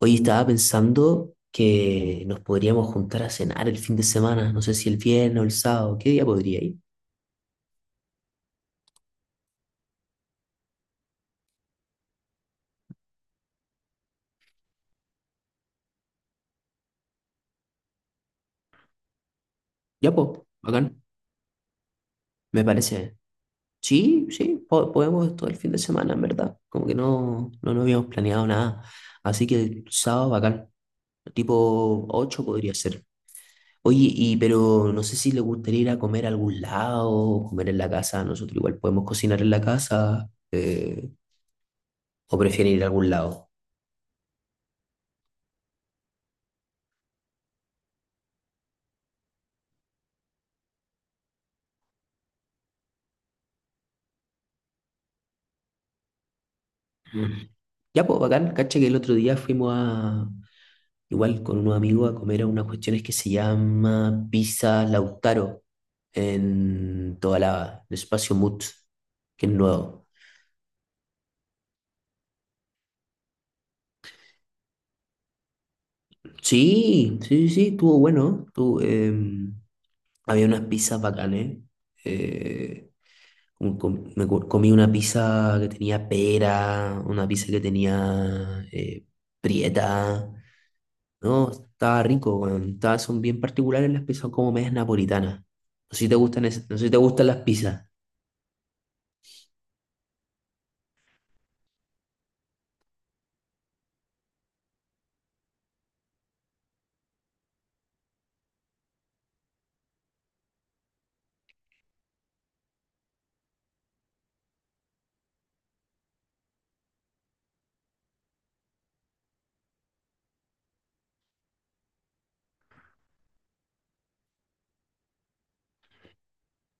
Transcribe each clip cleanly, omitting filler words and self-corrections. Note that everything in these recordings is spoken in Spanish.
Hoy estaba pensando que nos podríamos juntar a cenar el fin de semana, no sé si el viernes o el sábado, ¿qué día podría ir? Ya, pues, bacán, me parece. Sí, sí, podemos todo el fin de semana, en verdad. Como que no habíamos planeado nada. Así que el sábado, bacán, tipo ocho podría ser. Oye, y pero no sé si le gustaría ir a comer a algún lado, o comer en la casa, nosotros igual podemos cocinar en la casa, o prefieren ir a algún lado. Mm. Ya, pues, bacán, cacha que el otro día fuimos a, igual con unos amigos a comer a unas cuestiones que se llama Pizza Lautaro en toda la, el espacio Mut, que es nuevo. Sí, sí, sí, sí, estuvo bueno. Estuvo, había unas pizzas bacanes. eh, Comí una pizza que tenía pera, una pizza que tenía prieta. No, estaba rico, weón. Estaba- son bien particulares, las pizzas son como medias napolitanas. No sé si te gustan, no sé si te gustan las pizzas.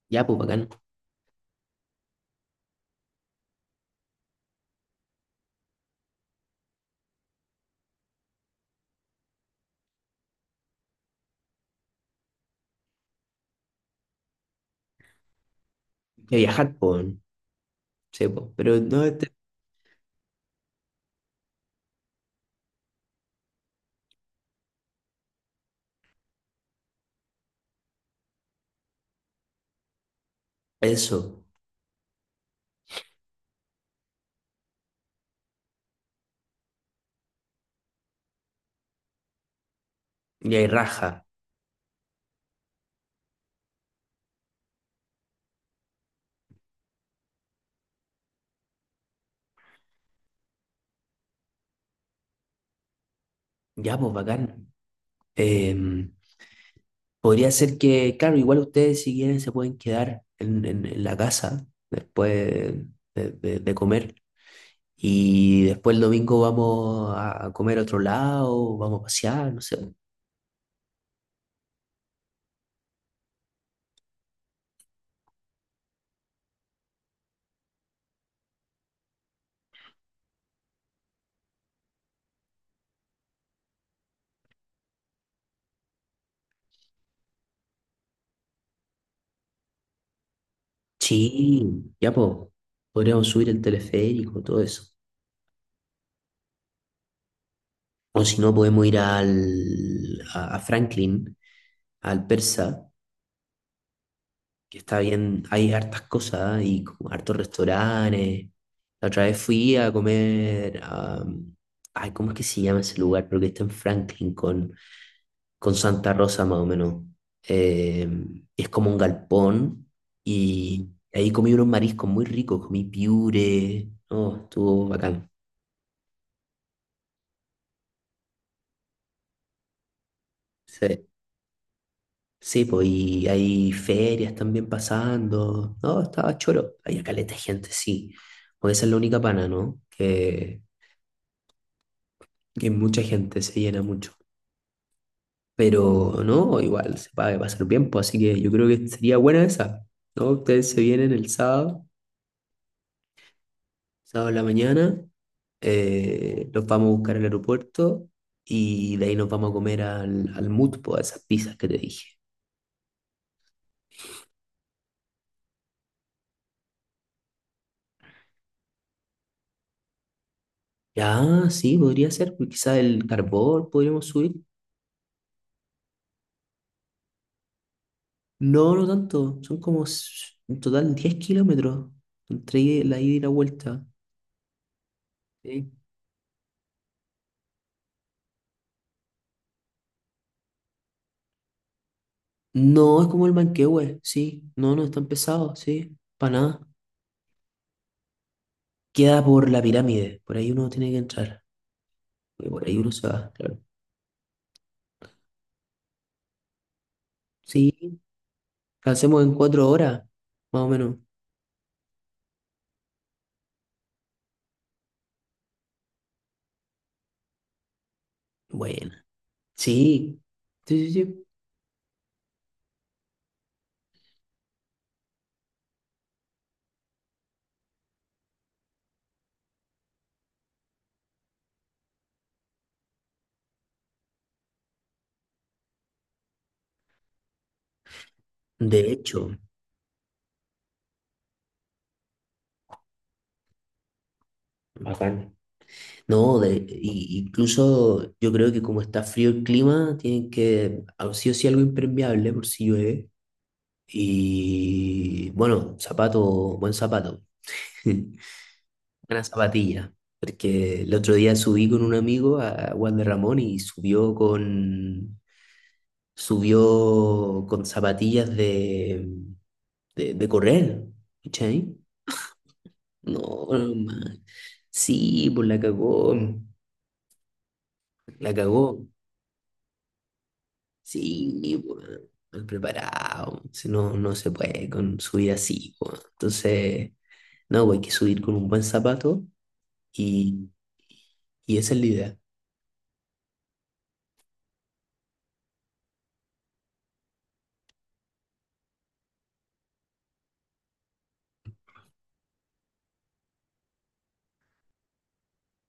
Ya, pues bacán. Hay que viajar, pues, weón. Sí, pues. Pero no este eso. Y hay raja. Ya, pues bacán. Em, Podría ser que, claro, igual ustedes si quieren se pueden quedar en la casa de comer. Y después el domingo vamos a comer a otro lado, vamos a pasear, no sé. Sí, ya po, podríamos subir el teleférico, todo eso. O si no, podemos ir a Franklin, al Persa, que está bien, hay hartas cosas, ¿eh? Y como hartos restaurantes. La otra vez fui a comer, a, ay, ¿cómo es que se llama ese lugar? Pero que está en Franklin con Santa Rosa, más o menos. Eh, es como un galpón y ahí comí unos mariscos muy ricos, comí piure, no, estuvo bacán. Sí. Sí, pues, y hay ferias también pasando. No, estaba choro. Había caleta de gente, sí. Pues esa es la única pana, ¿no? Que mucha gente, se llena mucho. Pero no, igual se paga pasar bien, pues, así que yo creo que sería buena esa, ¿no? Ustedes se vienen el sábado, sábado en la mañana, los vamos a buscar al aeropuerto y de ahí nos vamos a comer al Mut, po, a esas pizzas que te dije. Ya, sí, podría ser, pues, quizá el carbón podríamos subir. No, no tanto. Son como en total 10 kilómetros entre la ida y la vuelta. Sí. No, es como el Manquehue, sí. No, no es tan pesado, sí. Para nada. Queda por la pirámide. Por ahí uno tiene que entrar. Y por ahí uno se va, claro. Sí. Lo hacemos en 4 horas, más o menos. Bueno. Sí. Sí, sí, sí. De hecho. Bacán. No, incluso yo creo que como está frío el clima, tienen que, ah, sí o sí, algo impermeable por si llueve. Y bueno, zapato, buen zapato, buena zapatilla. Porque el otro día subí con un amigo a Juan de Ramón y subió con zapatillas de correr. ¿Cachai? No, man. Sí, pues la cagó, la cagó. Sí, pues, mal preparado. Si no, no se puede con subir así, pues. Entonces, no, pues, hay que subir con un buen zapato. Y, y esa es la idea.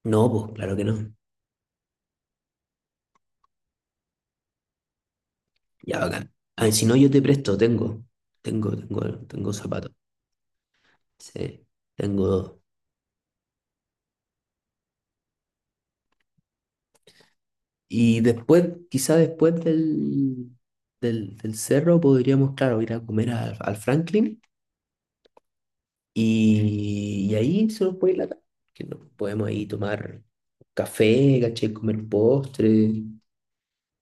No, pues claro que no. Ya bacán. A ver, si no, yo te presto, tengo. Tengo zapatos. Sí, tengo dos. Y después, quizá después del cerro, podríamos, claro, ir a comer al Franklin y ahí se nos puede ir la tarde, que nos podemos ahí tomar café, caché, comer postre,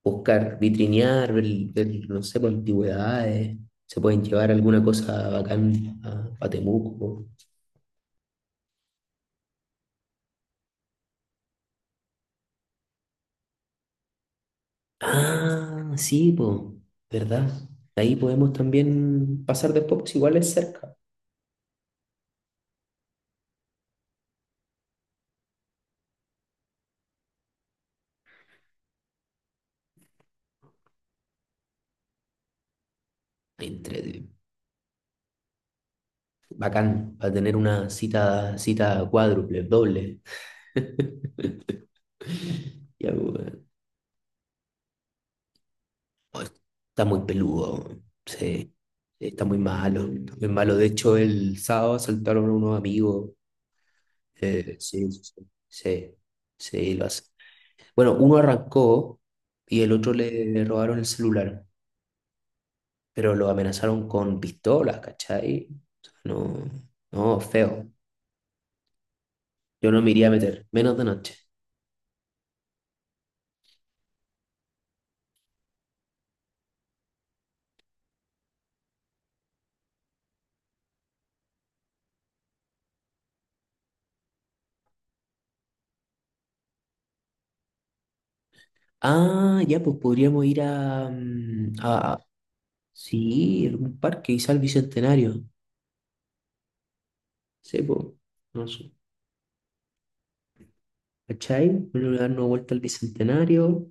buscar, vitrinear, ver, no sé, pues, antigüedades. Se pueden llevar alguna cosa bacán a Temuco. Ah, sí, po, ¿verdad? Ahí podemos también pasar después, pues igual es cerca. Entre, bacán, para tener una cita, cita cuádruple, doble. Ya, weón. Oh, está muy peludo, weón, sí. Está muy malo, está muy malo. De hecho, el sábado asaltaron a unos amigos. Sí, sí, sí, sí, sí, bueno, uno arrancó y el otro le robaron el celular, pero lo amenazaron con pistolas, ¿cachai? O sea, no, no, feo. Yo no me iría a meter, menos de noche. Ah, ya, pues podríamos ir a, mm, a sí, algún parque, quizá al Bicentenario. Sí, pues, no sé. ¿Cachai? Vamos a darnos vuelta al Bicentenario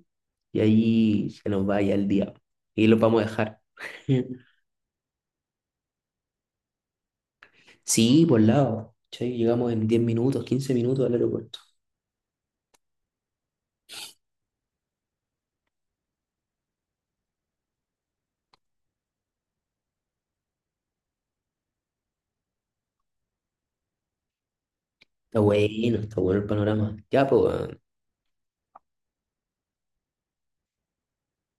y ahí se nos vaya el día. Y lo vamos a dejar. Sí, por lado. ¿Cachai? Llegamos en 10 minutos, 15 minutos al aeropuerto. Está bueno el panorama.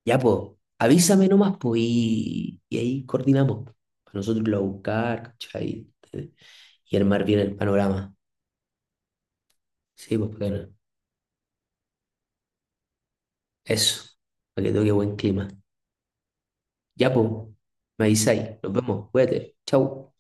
Ya, pues, avísame nomás, pues, y ahí coordinamos. Para nosotros irlo a buscar, ¿cachai? Eh, Y armar bien el panorama. Sí, pues, bacana. Eso, para que toque buen clima. Ya, pues, me avisáis. Nos vemos, cuídate. Chau.